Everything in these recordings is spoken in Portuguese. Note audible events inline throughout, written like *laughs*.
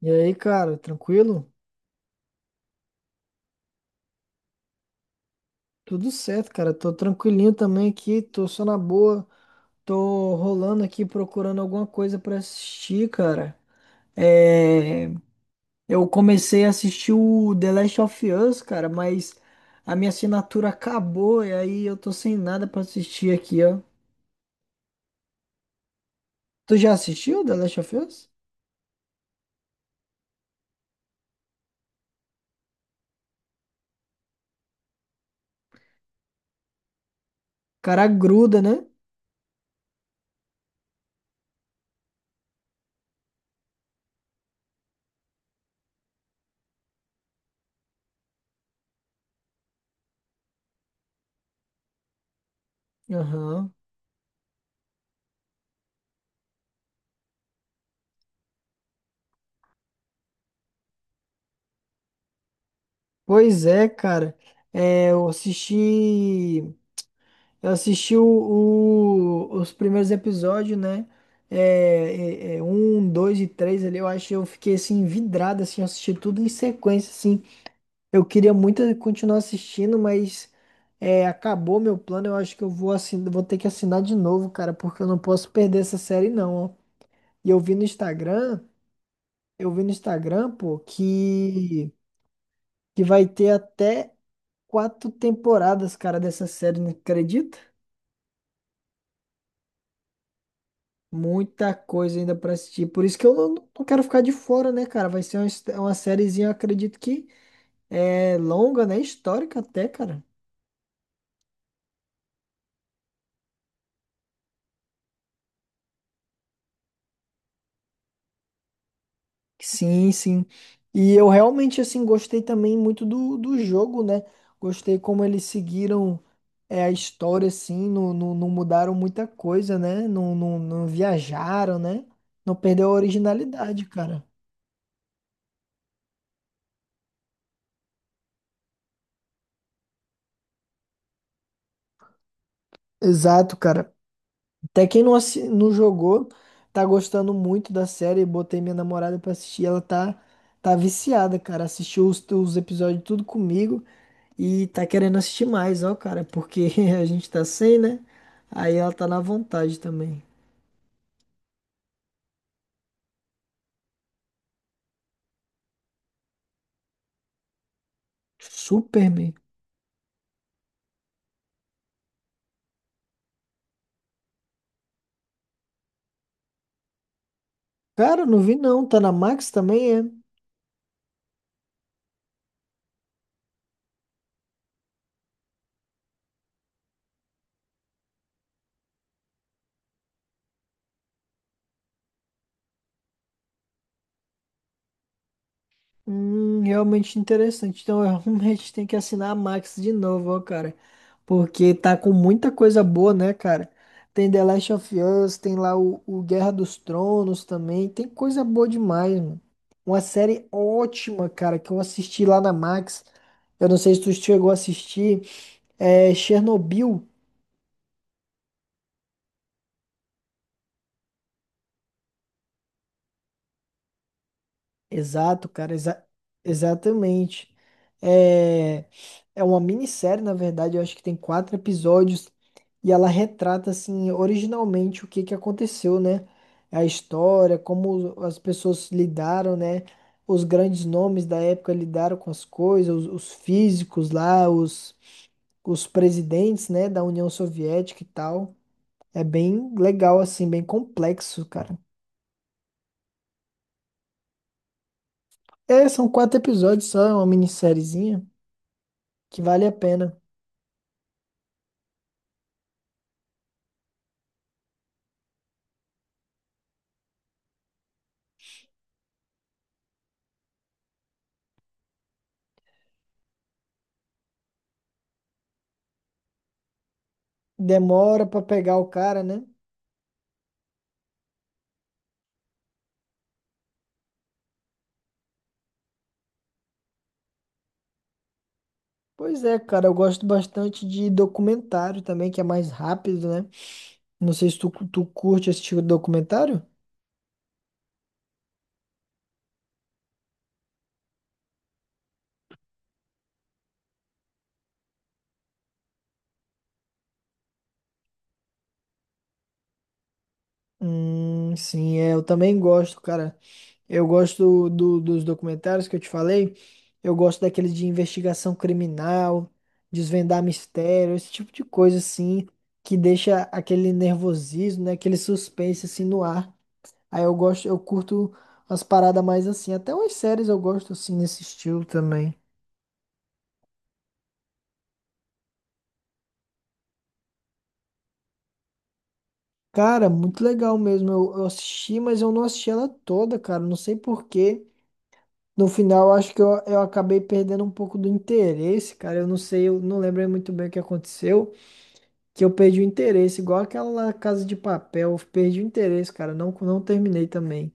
E aí, cara, tranquilo? Tudo certo, cara. Tô tranquilinho também aqui, tô só na boa. Tô rolando aqui procurando alguma coisa pra assistir, cara. É... Eu comecei a assistir o The Last of Us, cara, mas a minha assinatura acabou e aí eu tô sem nada pra assistir aqui, ó. Tu já assistiu The Last of Us? Cara, gruda, né? Aham. Pois é, cara. É, eu assisti. Eu assisti os primeiros episódios, né? É, um, dois e três ali, eu acho que eu fiquei assim, vidrado, assim, eu assisti tudo em sequência, assim. Eu queria muito continuar assistindo, mas acabou meu plano. Eu acho que eu vou ter que assinar de novo, cara, porque eu não posso perder essa série, não, ó. E eu vi no Instagram, pô, que vai ter até quatro temporadas, cara, dessa série, não acredita? Muita coisa ainda pra assistir. Por isso que eu não quero ficar de fora, né, cara? Vai ser uma sériezinha, eu acredito que é longa, né? Histórica até, cara. Sim, sim. E eu realmente, assim, gostei também muito do jogo, né? Gostei como eles seguiram a história, assim, não mudaram muita coisa, né? Não viajaram, né? Não perdeu a originalidade, cara. Exato, cara. Até quem não jogou tá gostando muito da série. Botei minha namorada pra assistir. Ela tá viciada, cara. Assistiu os episódios tudo comigo e tá querendo assistir mais, ó, cara. Porque *laughs* a gente tá sem, né? Aí ela tá na vontade também. Superman. Cara, não vi não. Tá na Max também, é? Realmente interessante. Então, *laughs* eu realmente tenho que assinar a Max de novo, ó, cara. Porque tá com muita coisa boa, né, cara? Tem The Last of Us, tem lá o Guerra dos Tronos também. Tem coisa boa demais, mano. Uma série ótima, cara, que eu assisti lá na Max. Eu não sei se tu chegou a assistir. É Chernobyl. Exato, cara, exatamente. É, é, uma minissérie, na verdade, eu acho que tem quatro episódios e ela retrata, assim, originalmente o que que aconteceu, né? A história, como as pessoas lidaram, né? Os grandes nomes da época lidaram com as coisas, os físicos lá, os presidentes, né, da União Soviética e tal. É bem legal, assim, bem complexo, cara. É, são quatro episódios só, é uma minissériezinha. Que vale a pena. Demora pra pegar o cara, né? Pois é, cara, eu gosto bastante de documentário também, que é mais rápido, né? Não sei se tu, tu curte esse tipo de documentário? Sim, é, eu também gosto, cara. Eu gosto dos documentários que eu te falei. Eu gosto daqueles de investigação criminal, desvendar mistério, esse tipo de coisa, assim, que deixa aquele nervosismo, né? Aquele suspense, assim, no ar. Aí eu gosto, eu curto umas paradas mais assim. Até umas séries eu gosto assim nesse estilo também. Cara, muito legal mesmo. Eu assisti, mas eu não assisti ela toda, cara. Não sei por quê. No final, eu acho que eu acabei perdendo um pouco do interesse, cara. Eu não sei, eu não lembro muito bem o que aconteceu, que eu perdi o interesse, igual aquela lá, Casa de Papel. Eu perdi o interesse, cara. Não terminei também.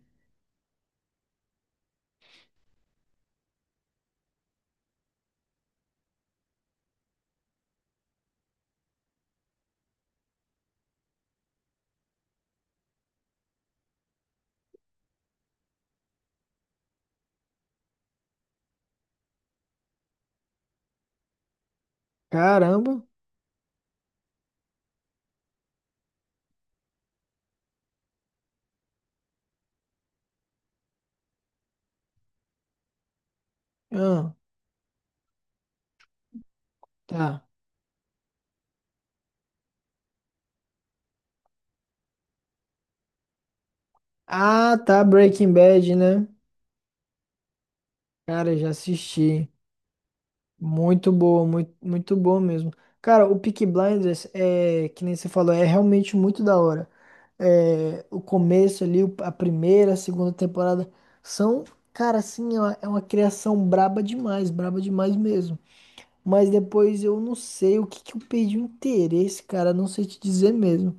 Caramba. Ah, tá. Ah, tá. Breaking Bad, né? Cara, eu já assisti. Muito boa, muito, muito bom mesmo. Cara, o Peaky Blinders é, que nem você falou, é realmente muito da hora. É, o começo ali, a primeira, a segunda temporada são, cara, assim, é uma criação braba demais mesmo. Mas depois eu não sei o que que eu perdi o interesse, cara, não sei te dizer mesmo.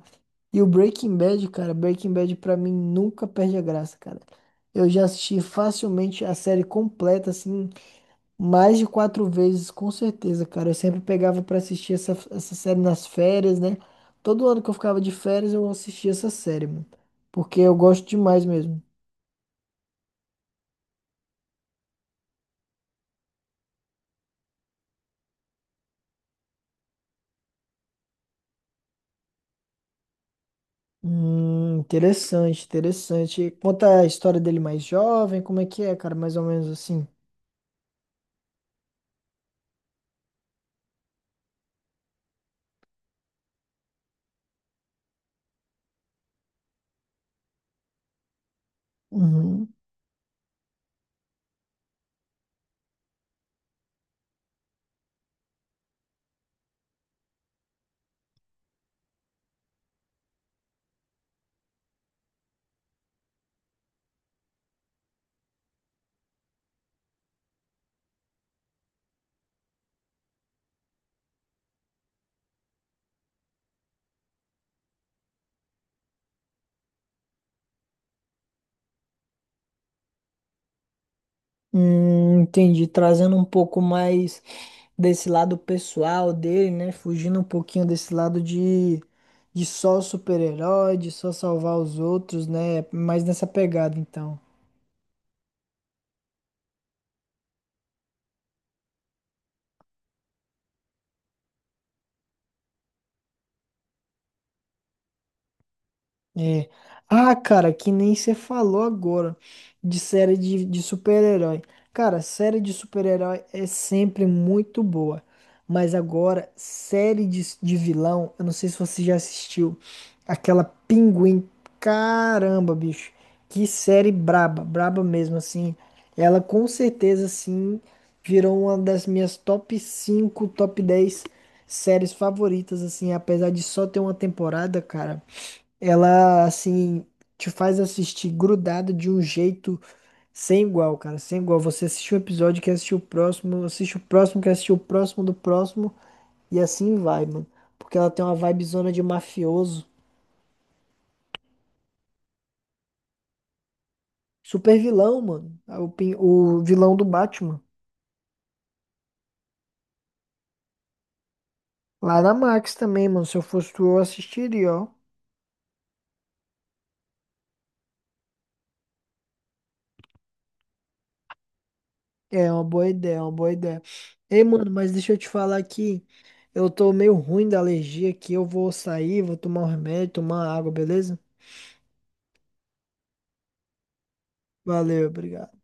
E o Breaking Bad, cara, Breaking Bad pra mim nunca perde a graça, cara. Eu já assisti facilmente a série completa, assim. Mais de quatro vezes, com certeza, cara. Eu sempre pegava pra assistir essa série nas férias, né? Todo ano que eu ficava de férias, eu assistia essa série, mano. Porque eu gosto demais mesmo. Interessante, interessante. Conta a história dele mais jovem, como é que é, cara? Mais ou menos assim. Uhum. Entendi. Trazendo um pouco mais desse lado pessoal dele, né? Fugindo um pouquinho desse lado de só super-herói, de só salvar os outros, né? Mais nessa pegada, então. É. Ah, cara, que nem você falou agora de série de super-herói. Cara, série de super-herói é sempre muito boa. Mas agora, série de vilão, eu não sei se você já assistiu aquela Pinguim. Caramba, bicho. Que série braba, braba mesmo, assim. Ela com certeza, assim, virou uma das minhas top 5 top 10 séries favoritas, assim. Apesar de só ter uma temporada, cara. Ela, assim, te faz assistir grudado de um jeito sem igual, cara. Sem igual. Você assiste um episódio, quer assistir o próximo, assiste o próximo, quer assistir o próximo do próximo, e assim vai, mano. Porque ela tem uma vibezona de mafioso. Super vilão, mano. É o vilão do Batman. Lá na Max também, mano. Se eu fosse tu, eu assistiria, ó. É uma boa ideia, é uma boa ideia. Ei, mano, mas deixa eu te falar aqui. Eu tô meio ruim da alergia aqui. Eu vou sair, vou tomar um remédio, tomar água, beleza? Valeu, obrigado.